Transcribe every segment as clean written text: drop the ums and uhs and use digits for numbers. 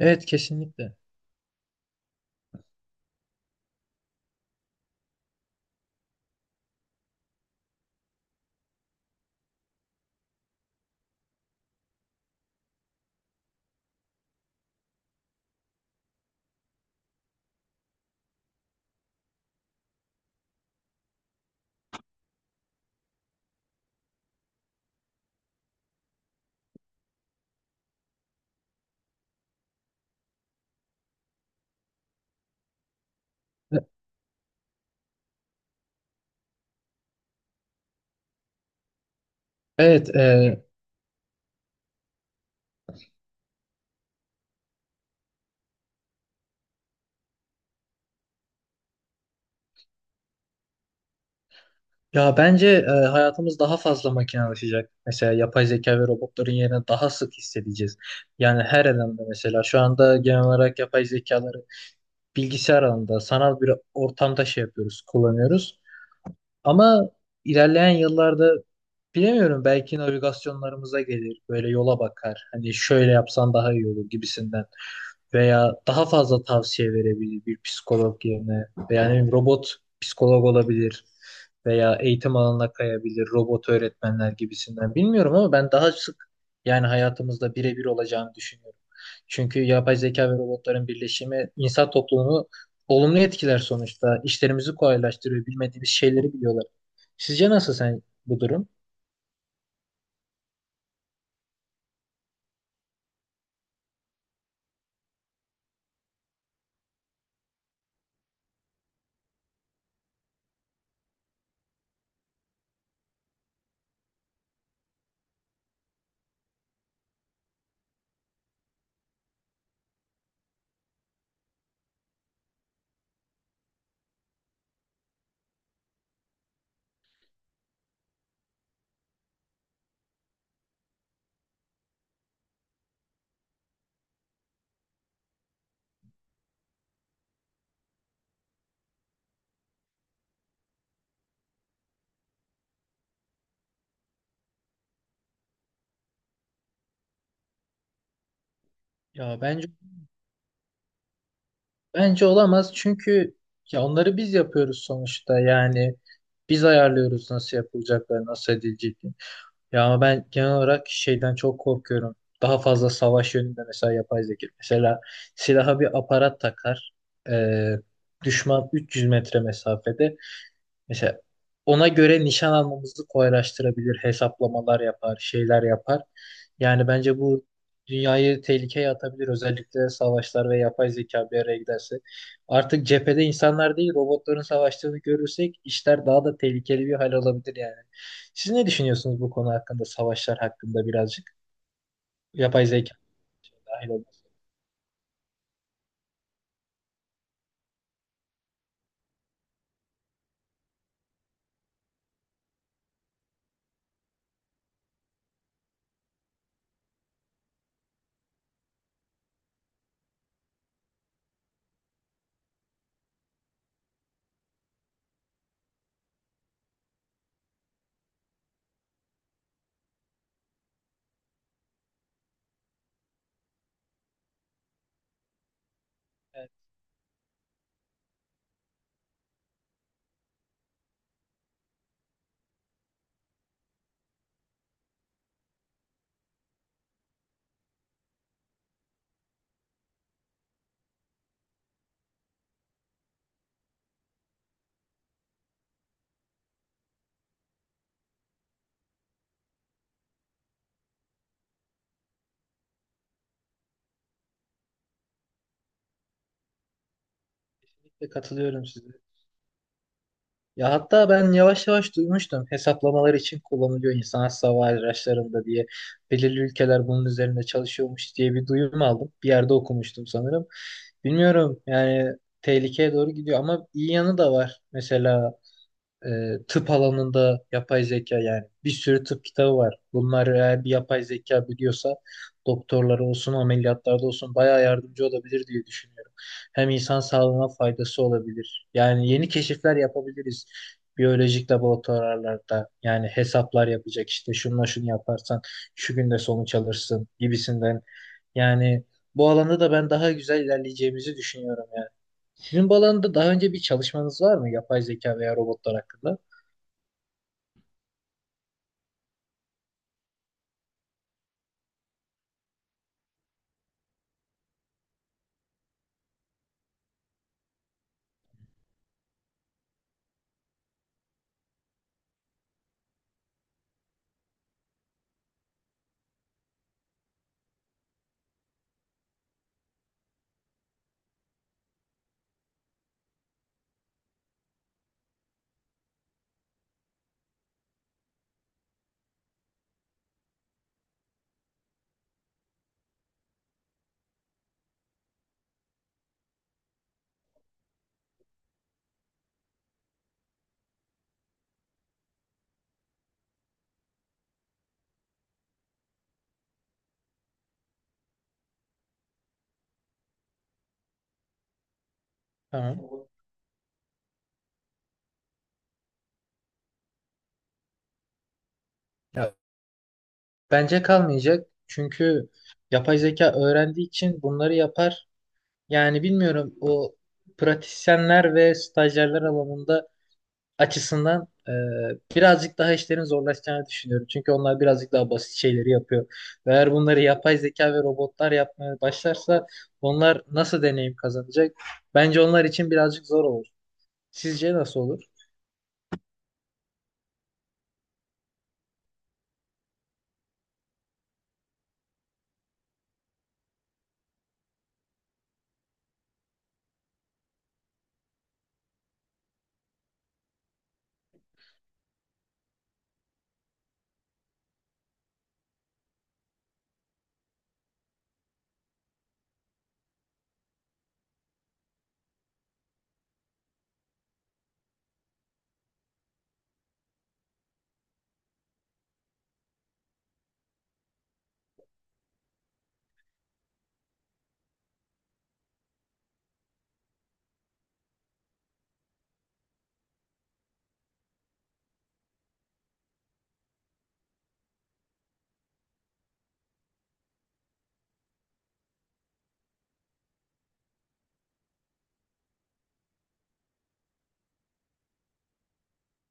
Evet, kesinlikle. Evet e, ya bence hayatımız daha fazla makinalaşacak. Mesela yapay zeka ve robotların yerine daha sık hissedeceğiz. Yani her alanda mesela şu anda genel olarak yapay zekaları bilgisayar alanında sanal bir ortamda şey yapıyoruz, kullanıyoruz. Ama ilerleyen yıllarda bilemiyorum, belki navigasyonlarımıza gelir. Böyle yola bakar. Hani şöyle yapsan daha iyi olur gibisinden. Veya daha fazla tavsiye verebilir bir psikolog yerine veya ne bileyim, robot psikolog olabilir veya eğitim alanına kayabilir, robot öğretmenler gibisinden. Bilmiyorum ama ben daha sık, yani hayatımızda birebir olacağını düşünüyorum. Çünkü yapay zeka ve robotların birleşimi insan toplumunu olumlu etkiler sonuçta. İşlerimizi kolaylaştırıyor, bilmediğimiz şeyleri biliyorlar. Sizce nasıl sen bu durum? Ya bence, olamaz çünkü ya onları biz yapıyoruz sonuçta, yani biz ayarlıyoruz nasıl yapılacakları, nasıl edileceklerini. Ya ama ben genel olarak şeyden çok korkuyorum. Daha fazla savaş yönünde mesela yapay zeka. Mesela silaha bir aparat takar. Ee, Düşman 300 metre mesafede. Mesela ona göre nişan almamızı kolaylaştırabilir, hesaplamalar yapar, şeyler yapar. Yani bence bu dünyayı tehlikeye atabilir. Özellikle savaşlar ve yapay zeka bir araya giderse. Artık cephede insanlar değil, robotların savaştığını görürsek işler daha da tehlikeli bir hal alabilir yani. Siz ne düşünüyorsunuz bu konu hakkında, savaşlar hakkında birazcık? Yapay zeka dahil olması. Evet, kesinlikle katılıyorum size. Ya hatta ben yavaş yavaş duymuştum, hesaplamalar için kullanılıyor insan hava araçlarında diye. Belirli ülkeler bunun üzerinde çalışıyormuş diye bir duyum aldım. Bir yerde okumuştum sanırım. Bilmiyorum yani, tehlikeye doğru gidiyor ama iyi yanı da var. Mesela e, tıp alanında yapay zeka, yani bir sürü tıp kitabı var. Bunlar eğer bir yapay zeka biliyorsa doktorlara olsun, ameliyatlarda olsun bayağı yardımcı olabilir diye düşünüyorum. Hem insan sağlığına faydası olabilir. Yani yeni keşifler yapabiliriz. Biyolojik laboratuvarlarda yani hesaplar yapacak, işte şunla şunu yaparsan şu günde sonuç alırsın gibisinden. Yani bu alanda da ben daha güzel ilerleyeceğimizi düşünüyorum yani. Sizin bu alanda daha önce bir çalışmanız var mı, yapay zeka veya robotlar hakkında? Tamam. Ya, bence kalmayacak. Çünkü yapay zeka öğrendiği için bunları yapar. Yani bilmiyorum, o pratisyenler ve stajyerler alanında açısından, birazcık daha işlerin zorlaşacağını düşünüyorum. Çünkü onlar birazcık daha basit şeyleri yapıyor. Ve eğer bunları yapay zeka ve robotlar yapmaya başlarsa onlar nasıl deneyim kazanacak? Bence onlar için birazcık zor olur. Sizce nasıl olur?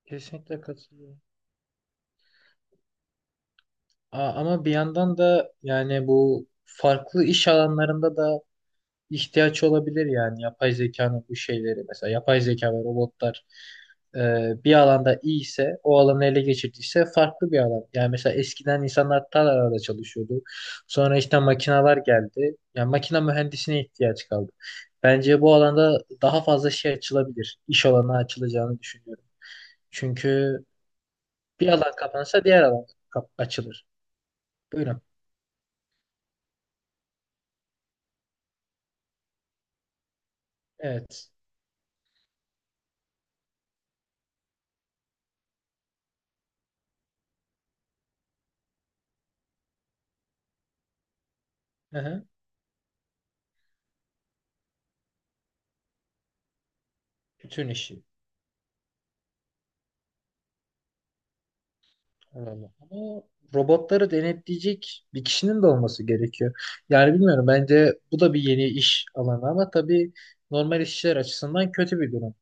Kesinlikle katılıyorum. Ama bir yandan da yani bu farklı iş alanlarında da ihtiyaç olabilir, yani yapay zekanın bu şeyleri, mesela yapay zeka ve robotlar bir alanda iyi ise, o alanı ele geçirdiyse farklı bir alan. Yani mesela eskiden insanlar tarlalarda çalışıyordu. Sonra işte makineler geldi. Yani makine mühendisine ihtiyaç kaldı. Bence bu alanda daha fazla şey açılabilir. İş alanı açılacağını düşünüyorum. Çünkü bir alan kapanırsa diğer alan açılır. Buyurun. Evet. Hı hı, bütün işi. Tamam. Ama robotları denetleyecek bir kişinin de olması gerekiyor. Yani bilmiyorum, bence bu da bir yeni iş alanı ama tabii normal işçiler açısından kötü bir durum.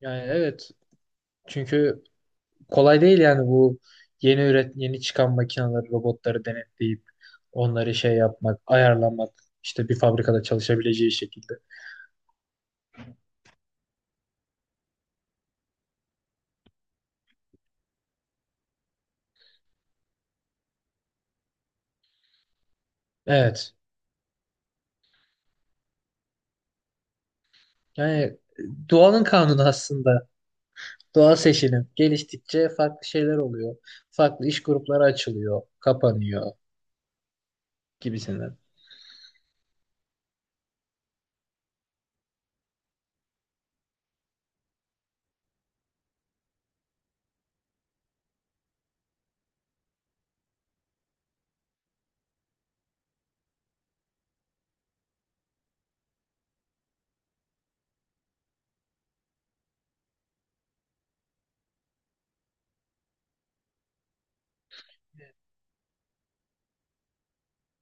Yani evet, çünkü kolay değil yani bu yeni çıkan makineleri, robotları denetleyip onları şey yapmak, ayarlamak, işte bir fabrikada çalışabileceği şekilde. Evet. Yani doğanın kanunu aslında. Doğa seçilim geliştikçe farklı şeyler oluyor. Farklı iş grupları açılıyor, kapanıyor gibisinden.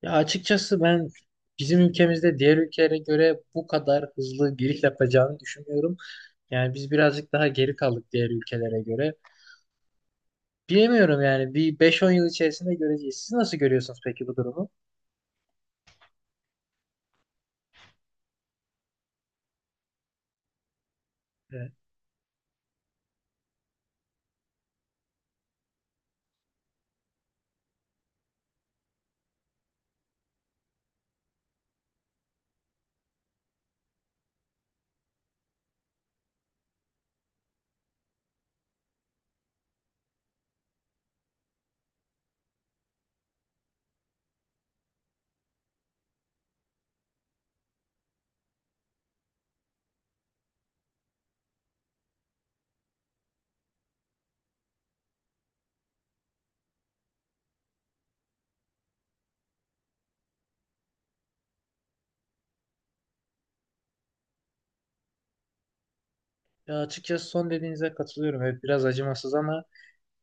Ya açıkçası ben bizim ülkemizde diğer ülkelere göre bu kadar hızlı giriş yapacağını düşünmüyorum. Yani biz birazcık daha geri kaldık diğer ülkelere göre. Bilemiyorum yani, bir 5-10 yıl içerisinde göreceğiz. Siz nasıl görüyorsunuz peki bu durumu? Evet. Ya açıkçası son dediğinize katılıyorum. Evet, biraz acımasız ama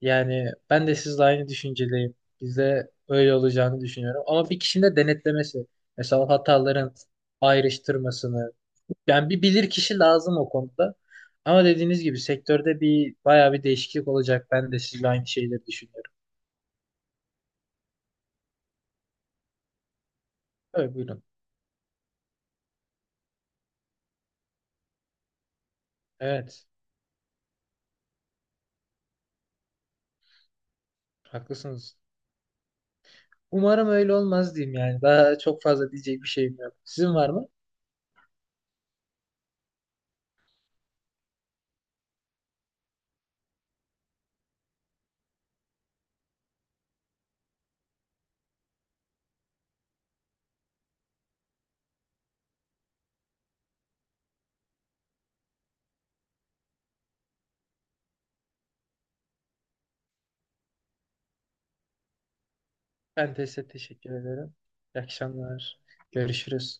yani ben de sizle aynı düşüncedeyim. Bizde öyle olacağını düşünüyorum. Ama bir kişinin de denetlemesi, mesela hataların ayrıştırmasını, yani bir bilir kişi lazım o konuda. Ama dediğiniz gibi sektörde bir bayağı bir değişiklik olacak. Ben de sizle aynı şeyleri düşünüyorum. Evet, buyurun. Evet, haklısınız. Umarım öyle olmaz diyeyim yani. Daha çok fazla diyecek bir şeyim yok. Sizin var mı? Ben de size teşekkür ederim. İyi akşamlar. Görüşürüz.